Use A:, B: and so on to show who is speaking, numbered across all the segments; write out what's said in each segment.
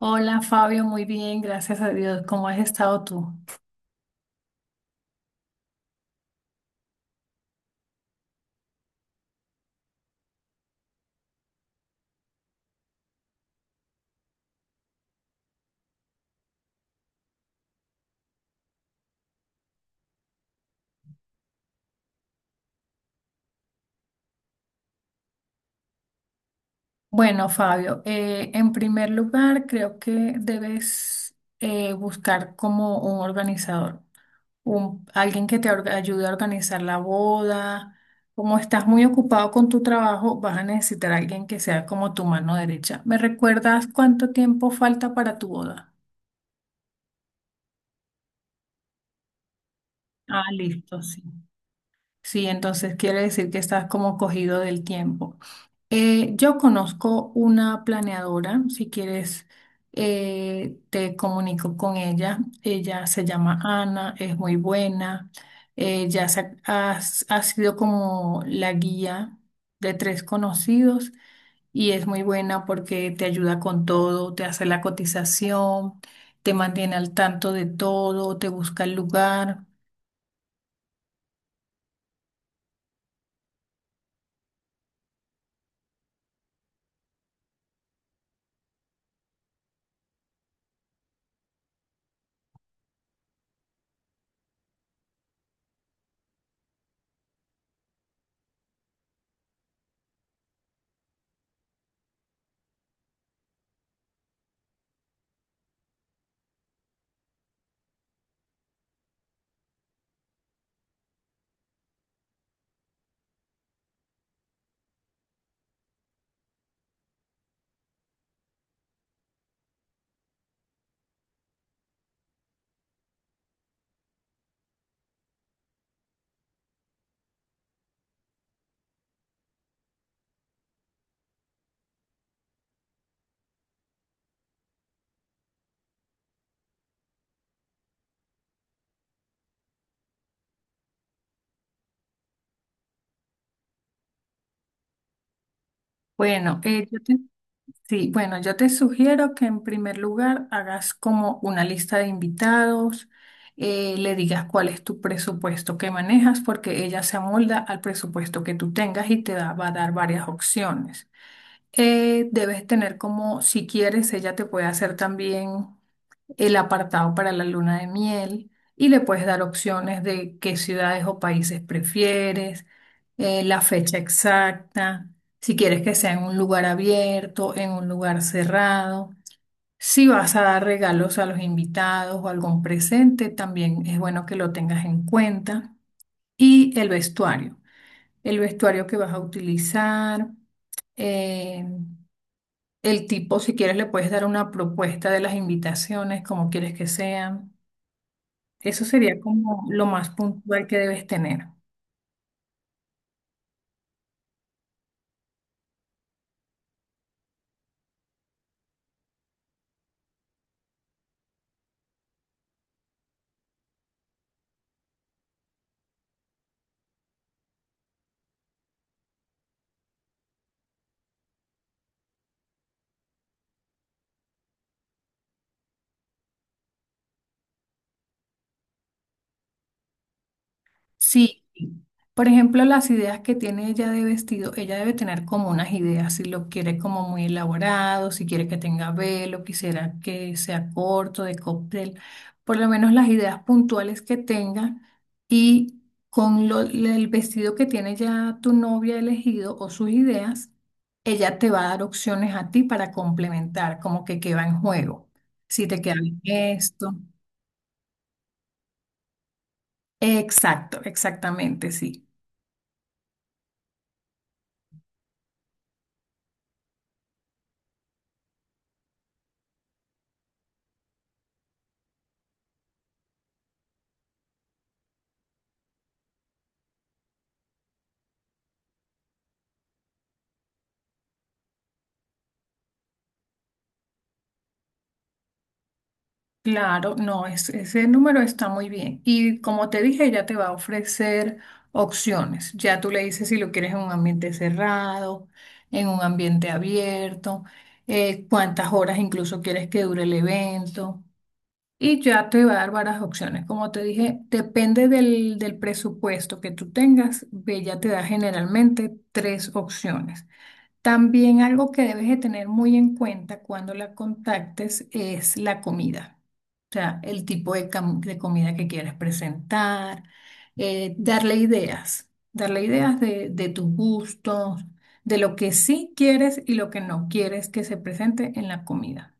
A: Hola Fabio, muy bien, gracias a Dios. ¿Cómo has estado tú? Bueno, Fabio, en primer lugar, creo que debes buscar como un organizador, alguien que ayude a organizar la boda. Como estás muy ocupado con tu trabajo, vas a necesitar a alguien que sea como tu mano derecha. ¿Me recuerdas cuánto tiempo falta para tu boda? Ah, listo, sí. Sí, entonces quiere decir que estás como cogido del tiempo. Yo conozco una planeadora, si quieres te comunico con ella. Ella se llama Ana, es muy buena. Ella se ha, ha- ha sido como la guía de tres conocidos y es muy buena porque te ayuda con todo, te hace la cotización, te mantiene al tanto de todo, te busca el lugar. Bueno, yo te sí, bueno, yo te sugiero que en primer lugar hagas como una lista de invitados, le digas cuál es tu presupuesto que manejas, porque ella se amolda al presupuesto que tú tengas y va a dar varias opciones. Debes tener como, si quieres, ella te puede hacer también el apartado para la luna de miel y le puedes dar opciones de qué ciudades o países prefieres, la fecha exacta, si quieres que sea en un lugar abierto, en un lugar cerrado. Si vas a dar regalos a los invitados o algún presente, también es bueno que lo tengas en cuenta. Y el vestuario que vas a utilizar. Eh, el tipo, si quieres, le puedes dar una propuesta de las invitaciones, como quieres que sean. Eso sería como lo más puntual que debes tener. Sí, por ejemplo, las ideas que tiene ella de vestido, ella debe tener como unas ideas, si lo quiere como muy elaborado, si quiere que tenga velo, quisiera que sea corto, de cóctel, por lo menos las ideas puntuales que tenga y con el vestido que tiene ya tu novia elegido o sus ideas, ella te va a dar opciones a ti para complementar, como que qué va en juego, si te queda bien esto. Exacto, exactamente, sí. Claro, no, ese número está muy bien. Y como te dije, ya te va a ofrecer opciones. Ya tú le dices si lo quieres en un ambiente cerrado, en un ambiente abierto, cuántas horas incluso quieres que dure el evento. Y ya te va a dar varias opciones. Como te dije, depende del, del presupuesto que tú tengas. Ella te da generalmente tres opciones. También algo que debes de tener muy en cuenta cuando la contactes es la comida. O sea, el tipo de, de comida que quieres presentar, darle ideas de tus gustos, de lo que sí quieres y lo que no quieres que se presente en la comida.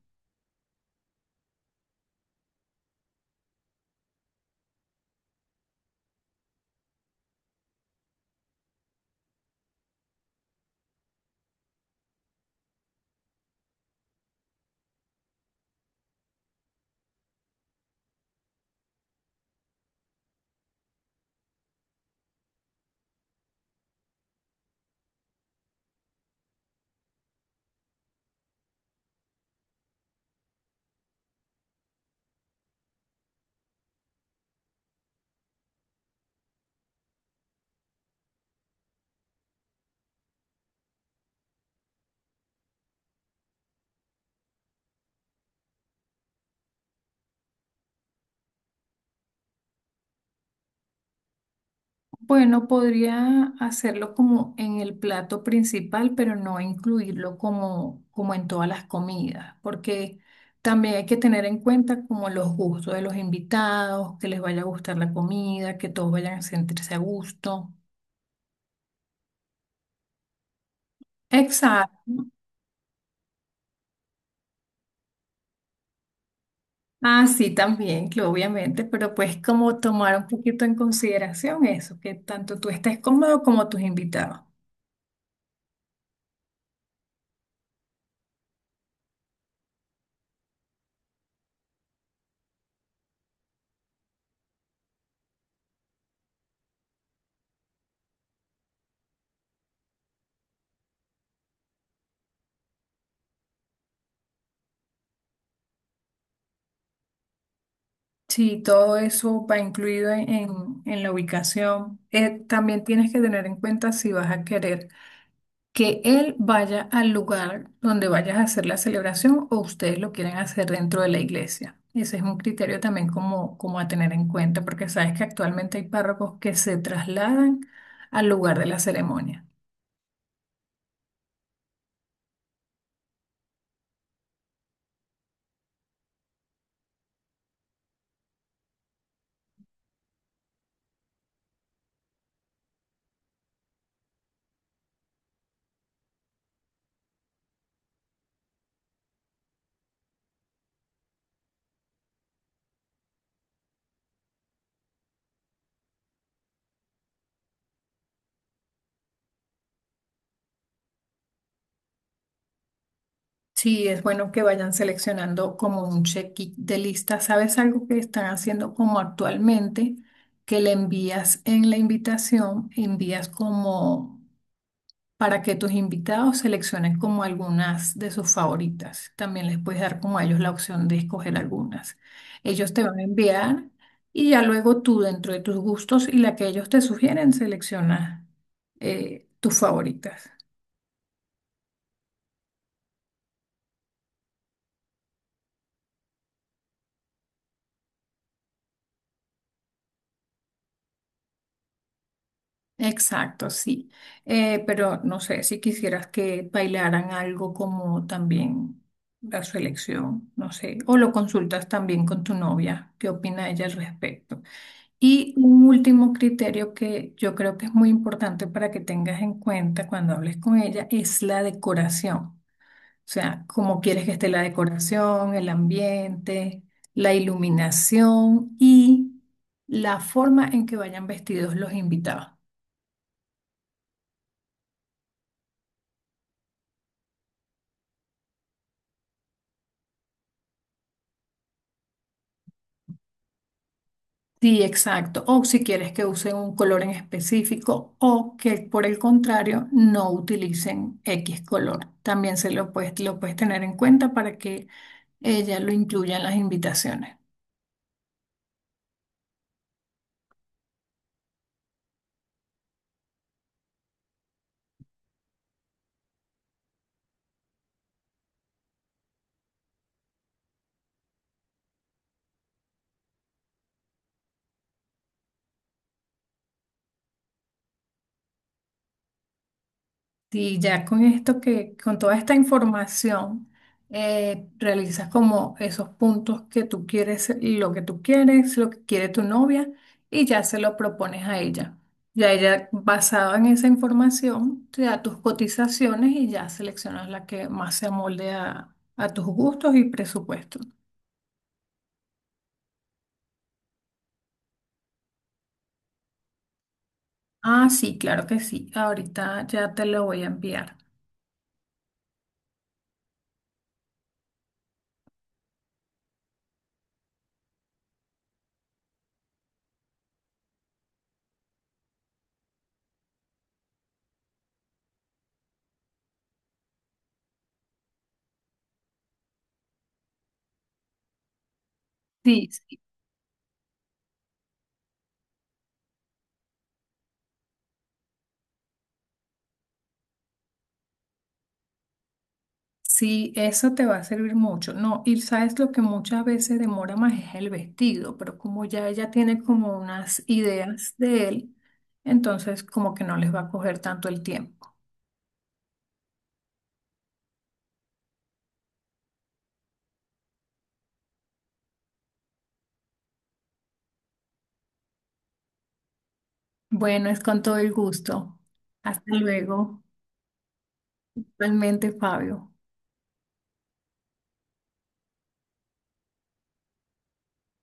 A: Bueno, podría hacerlo como en el plato principal, pero no incluirlo como, como en todas las comidas, porque también hay que tener en cuenta como los gustos de los invitados, que les vaya a gustar la comida, que todos vayan a sentirse a gusto. Exacto. Ah, sí, también, que obviamente, pero pues como tomar un poquito en consideración eso, que tanto tú estés cómodo como tus invitados. Sí, todo eso va incluido en la ubicación. También tienes que tener en cuenta si vas a querer que él vaya al lugar donde vayas a hacer la celebración o ustedes lo quieren hacer dentro de la iglesia. Ese es un criterio también como, como a tener en cuenta, porque sabes que actualmente hay párrocos que se trasladan al lugar de la ceremonia. Sí, es bueno que vayan seleccionando como un check de lista. ¿Sabes algo que están haciendo como actualmente? Que le envías en la invitación, envías como para que tus invitados seleccionen como algunas de sus favoritas. También les puedes dar como a ellos la opción de escoger algunas. Ellos te van a enviar y ya luego tú dentro de tus gustos y la que ellos te sugieren, selecciona tus favoritas. Exacto, sí. Pero no sé si quisieras que bailaran algo como también la su elección, no sé, o lo consultas también con tu novia, qué opina ella al respecto. Y un último criterio que yo creo que es muy importante para que tengas en cuenta cuando hables con ella es la decoración. O sea, cómo quieres que esté la decoración, el ambiente, la iluminación y la forma en que vayan vestidos los invitados. Sí, exacto. O si quieres que usen un color en específico o que por el contrario no utilicen X color. También se lo puedes tener en cuenta para que ella lo incluya en las invitaciones. Sí, ya con esto que, con toda esta información, realizas como esos puntos que tú quieres, lo que tú quieres, lo que quiere tu novia, y ya se lo propones a ella. Ya ella, basado en esa información, te da tus cotizaciones y ya seleccionas la que más se amolde a tus gustos y presupuestos. Ah, sí, claro que sí. Ahorita ya te lo voy a enviar. Sí, sí. Sí, eso te va a servir mucho. No, y sabes lo que muchas veces demora más es el vestido, pero como ya ella tiene como unas ideas de él, entonces como que no les va a coger tanto el tiempo. Bueno, es con todo el gusto. Hasta luego. Realmente, Fabio.